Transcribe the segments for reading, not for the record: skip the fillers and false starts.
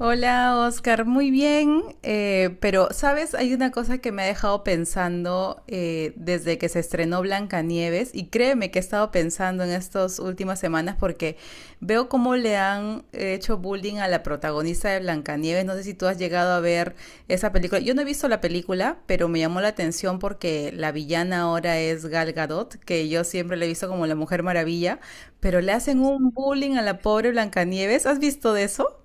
Hola Oscar, muy bien, pero sabes, hay una cosa que me ha dejado pensando desde que se estrenó Blancanieves, y créeme que he estado pensando en estas últimas semanas porque veo cómo le han hecho bullying a la protagonista de Blancanieves. No sé si tú has llegado a ver esa película. Yo no he visto la película, pero me llamó la atención porque la villana ahora es Gal Gadot, que yo siempre la he visto como la Mujer Maravilla, pero le hacen un bullying a la pobre Blancanieves. ¿Has visto de eso?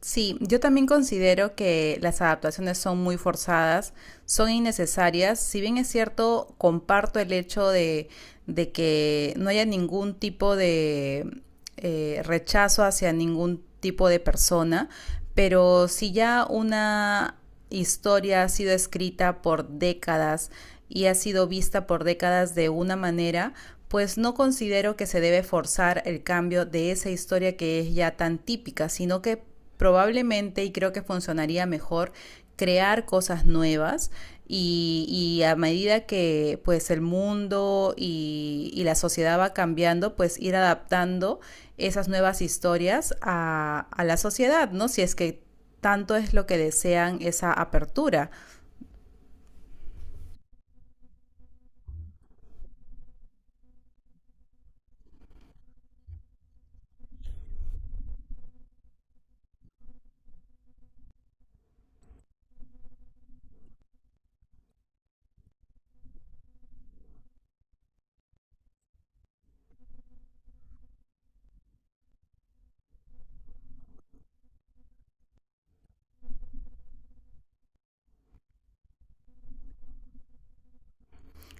Sí, yo también considero que las adaptaciones son muy forzadas, son innecesarias. Si bien es cierto, comparto el hecho de que no haya ningún tipo de rechazo hacia ningún tipo de persona, pero si ya una historia ha sido escrita por décadas y ha sido vista por décadas de una manera, pues no considero que se debe forzar el cambio de esa historia que es ya tan típica, sino que probablemente, y creo que funcionaría mejor, crear cosas nuevas y a medida que pues el mundo y la sociedad va cambiando, pues ir adaptando esas nuevas historias a la sociedad, ¿no? Si es que tanto es lo que desean esa apertura.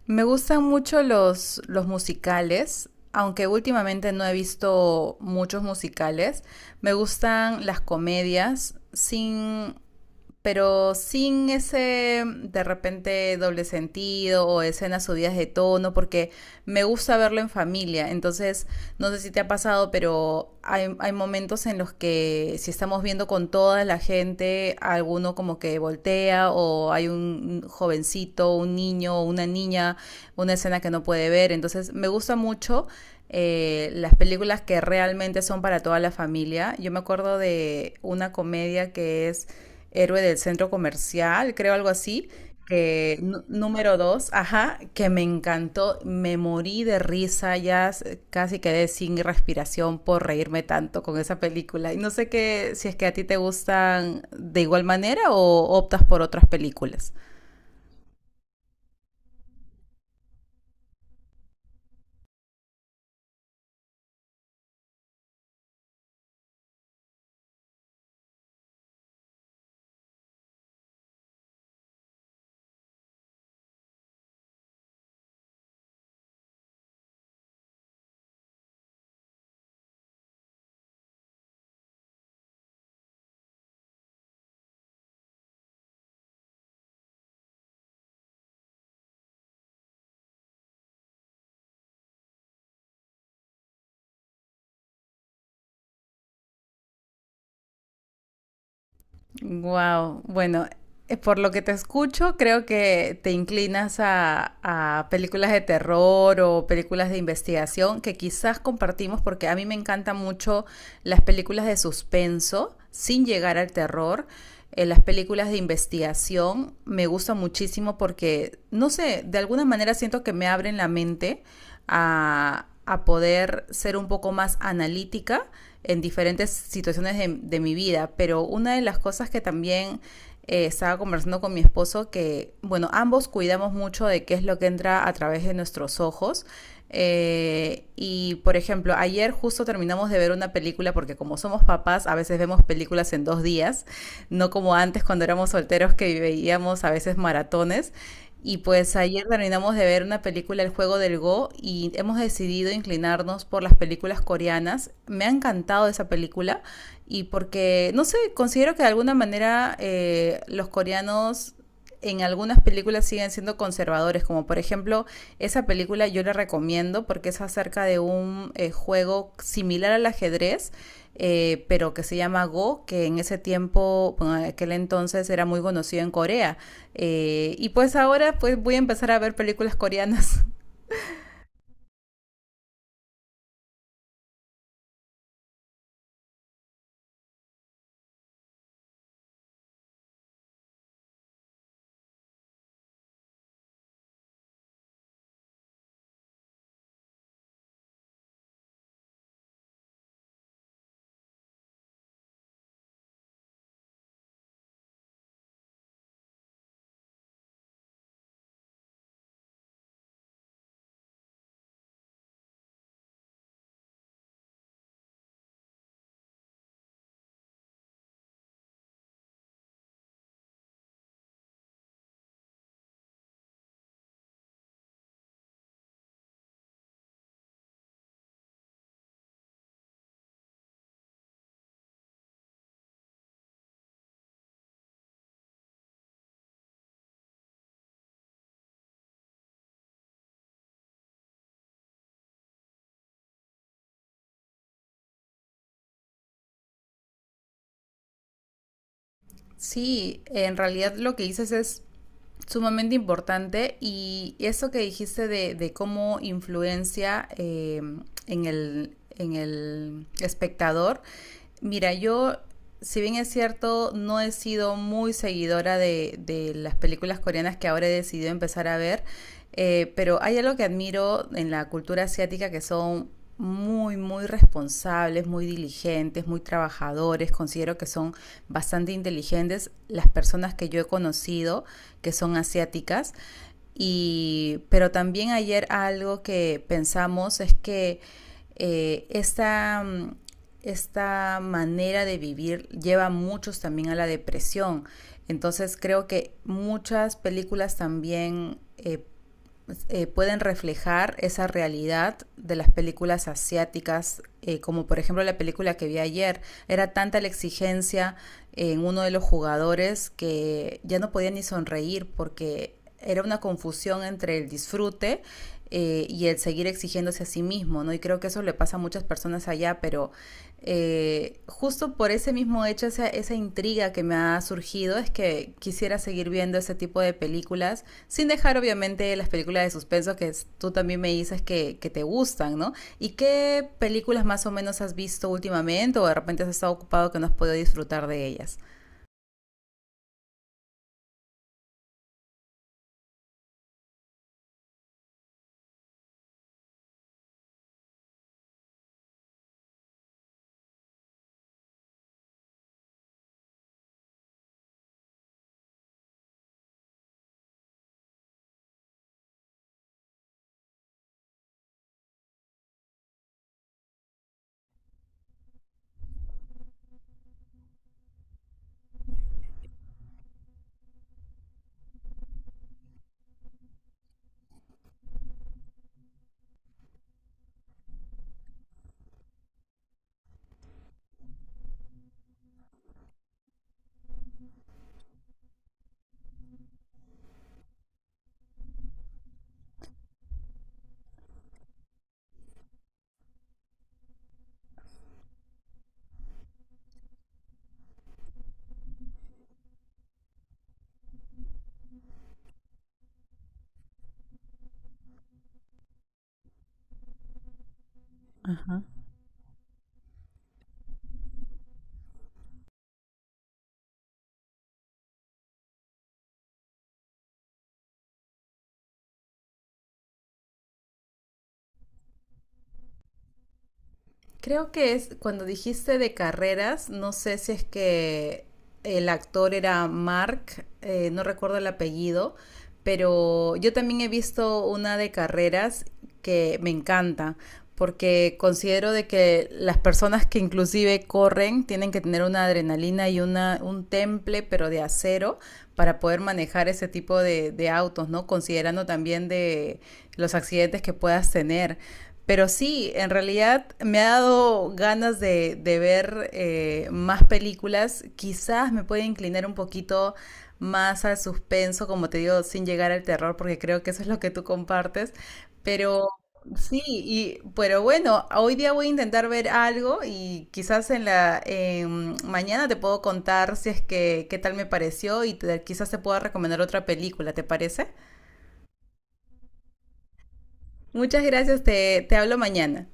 Me gustan mucho los musicales, aunque últimamente no he visto muchos musicales. Me gustan las comedias sin, pero sin ese de repente doble sentido o escenas subidas de tono, porque me gusta verlo en familia. Entonces, no sé si te ha pasado, pero hay momentos en los que si estamos viendo con toda la gente, alguno como que voltea o hay un jovencito, un niño, o una niña, una escena que no puede ver. Entonces, me gusta mucho las películas que realmente son para toda la familia. Yo me acuerdo de una comedia que es héroe del centro comercial, creo algo así. Número dos, ajá, que me encantó, me morí de risa, casi quedé sin respiración por reírme tanto con esa película. Y no sé qué, si es que a ti te gustan de igual manera o optas por otras películas. Wow, bueno, por lo que te escucho, creo que te inclinas a películas de terror o películas de investigación que quizás compartimos, porque a mí me encantan mucho las películas de suspenso sin llegar al terror. Las películas de investigación me gustan muchísimo porque, no sé, de alguna manera siento que me abren la mente a poder ser un poco más analítica en diferentes situaciones de mi vida. Pero una de las cosas que también, estaba conversando con mi esposo que, bueno, ambos cuidamos mucho de qué es lo que entra a través de nuestros ojos. Y por ejemplo, ayer justo terminamos de ver una película, porque como somos papás, a veces vemos películas en dos días, no como antes cuando éramos solteros que veíamos a veces maratones. Y pues ayer terminamos de ver una película, El juego del Go, y hemos decidido inclinarnos por las películas coreanas. Me ha encantado esa película, y porque, no sé, considero que de alguna manera los coreanos en algunas películas siguen siendo conservadores, como por ejemplo esa película yo la recomiendo porque es acerca de un juego similar al ajedrez, pero que se llama Go, que en ese tiempo, bueno, en aquel entonces era muy conocido en Corea. Y pues ahora pues voy a empezar a ver películas coreanas. Sí, en realidad lo que dices es sumamente importante, y eso que dijiste de cómo influencia, en el espectador. Mira, yo, si bien es cierto, no he sido muy seguidora de las películas coreanas que ahora he decidido empezar a ver, pero hay algo que admiro en la cultura asiática, que son muy, muy responsables, muy diligentes, muy trabajadores. Considero que son bastante inteligentes las personas que yo he conocido que son asiáticas. Y, pero también ayer algo que pensamos es que, eh, esta, mm, esta manera de vivir lleva a muchos también a la depresión. Entonces creo que muchas películas también, pueden reflejar esa realidad de las películas asiáticas, como por ejemplo la película que vi ayer. Era tanta la exigencia en uno de los jugadores que ya no podía ni sonreír porque era una confusión entre el disfrute y el seguir exigiéndose a sí mismo, ¿no? Y creo que eso le pasa a muchas personas allá, pero justo por ese mismo hecho, esa intriga que me ha surgido es que quisiera seguir viendo ese tipo de películas, sin dejar obviamente las películas de suspenso tú también me dices que te gustan, ¿no? ¿Y qué películas más o menos has visto últimamente, o de repente has estado ocupado que no has podido disfrutar de ellas? Creo que es cuando dijiste de carreras, no sé si es que el actor era Mark, no recuerdo el apellido. Pero yo también he visto una de carreras que me encanta, porque considero de que las personas que inclusive corren tienen que tener una adrenalina y una, un temple, pero de acero, para poder manejar ese tipo de autos, ¿no? Considerando también de los accidentes que puedas tener. Pero sí, en realidad me ha dado ganas de ver, más películas. Quizás me puede inclinar un poquito más al suspenso, como te digo, sin llegar al terror, porque creo que eso es lo que tú compartes. Pero sí, y, pero bueno, hoy día voy a intentar ver algo y quizás en mañana te puedo contar si es que qué tal me pareció, quizás te pueda recomendar otra película, ¿te parece? Muchas gracias, te hablo mañana.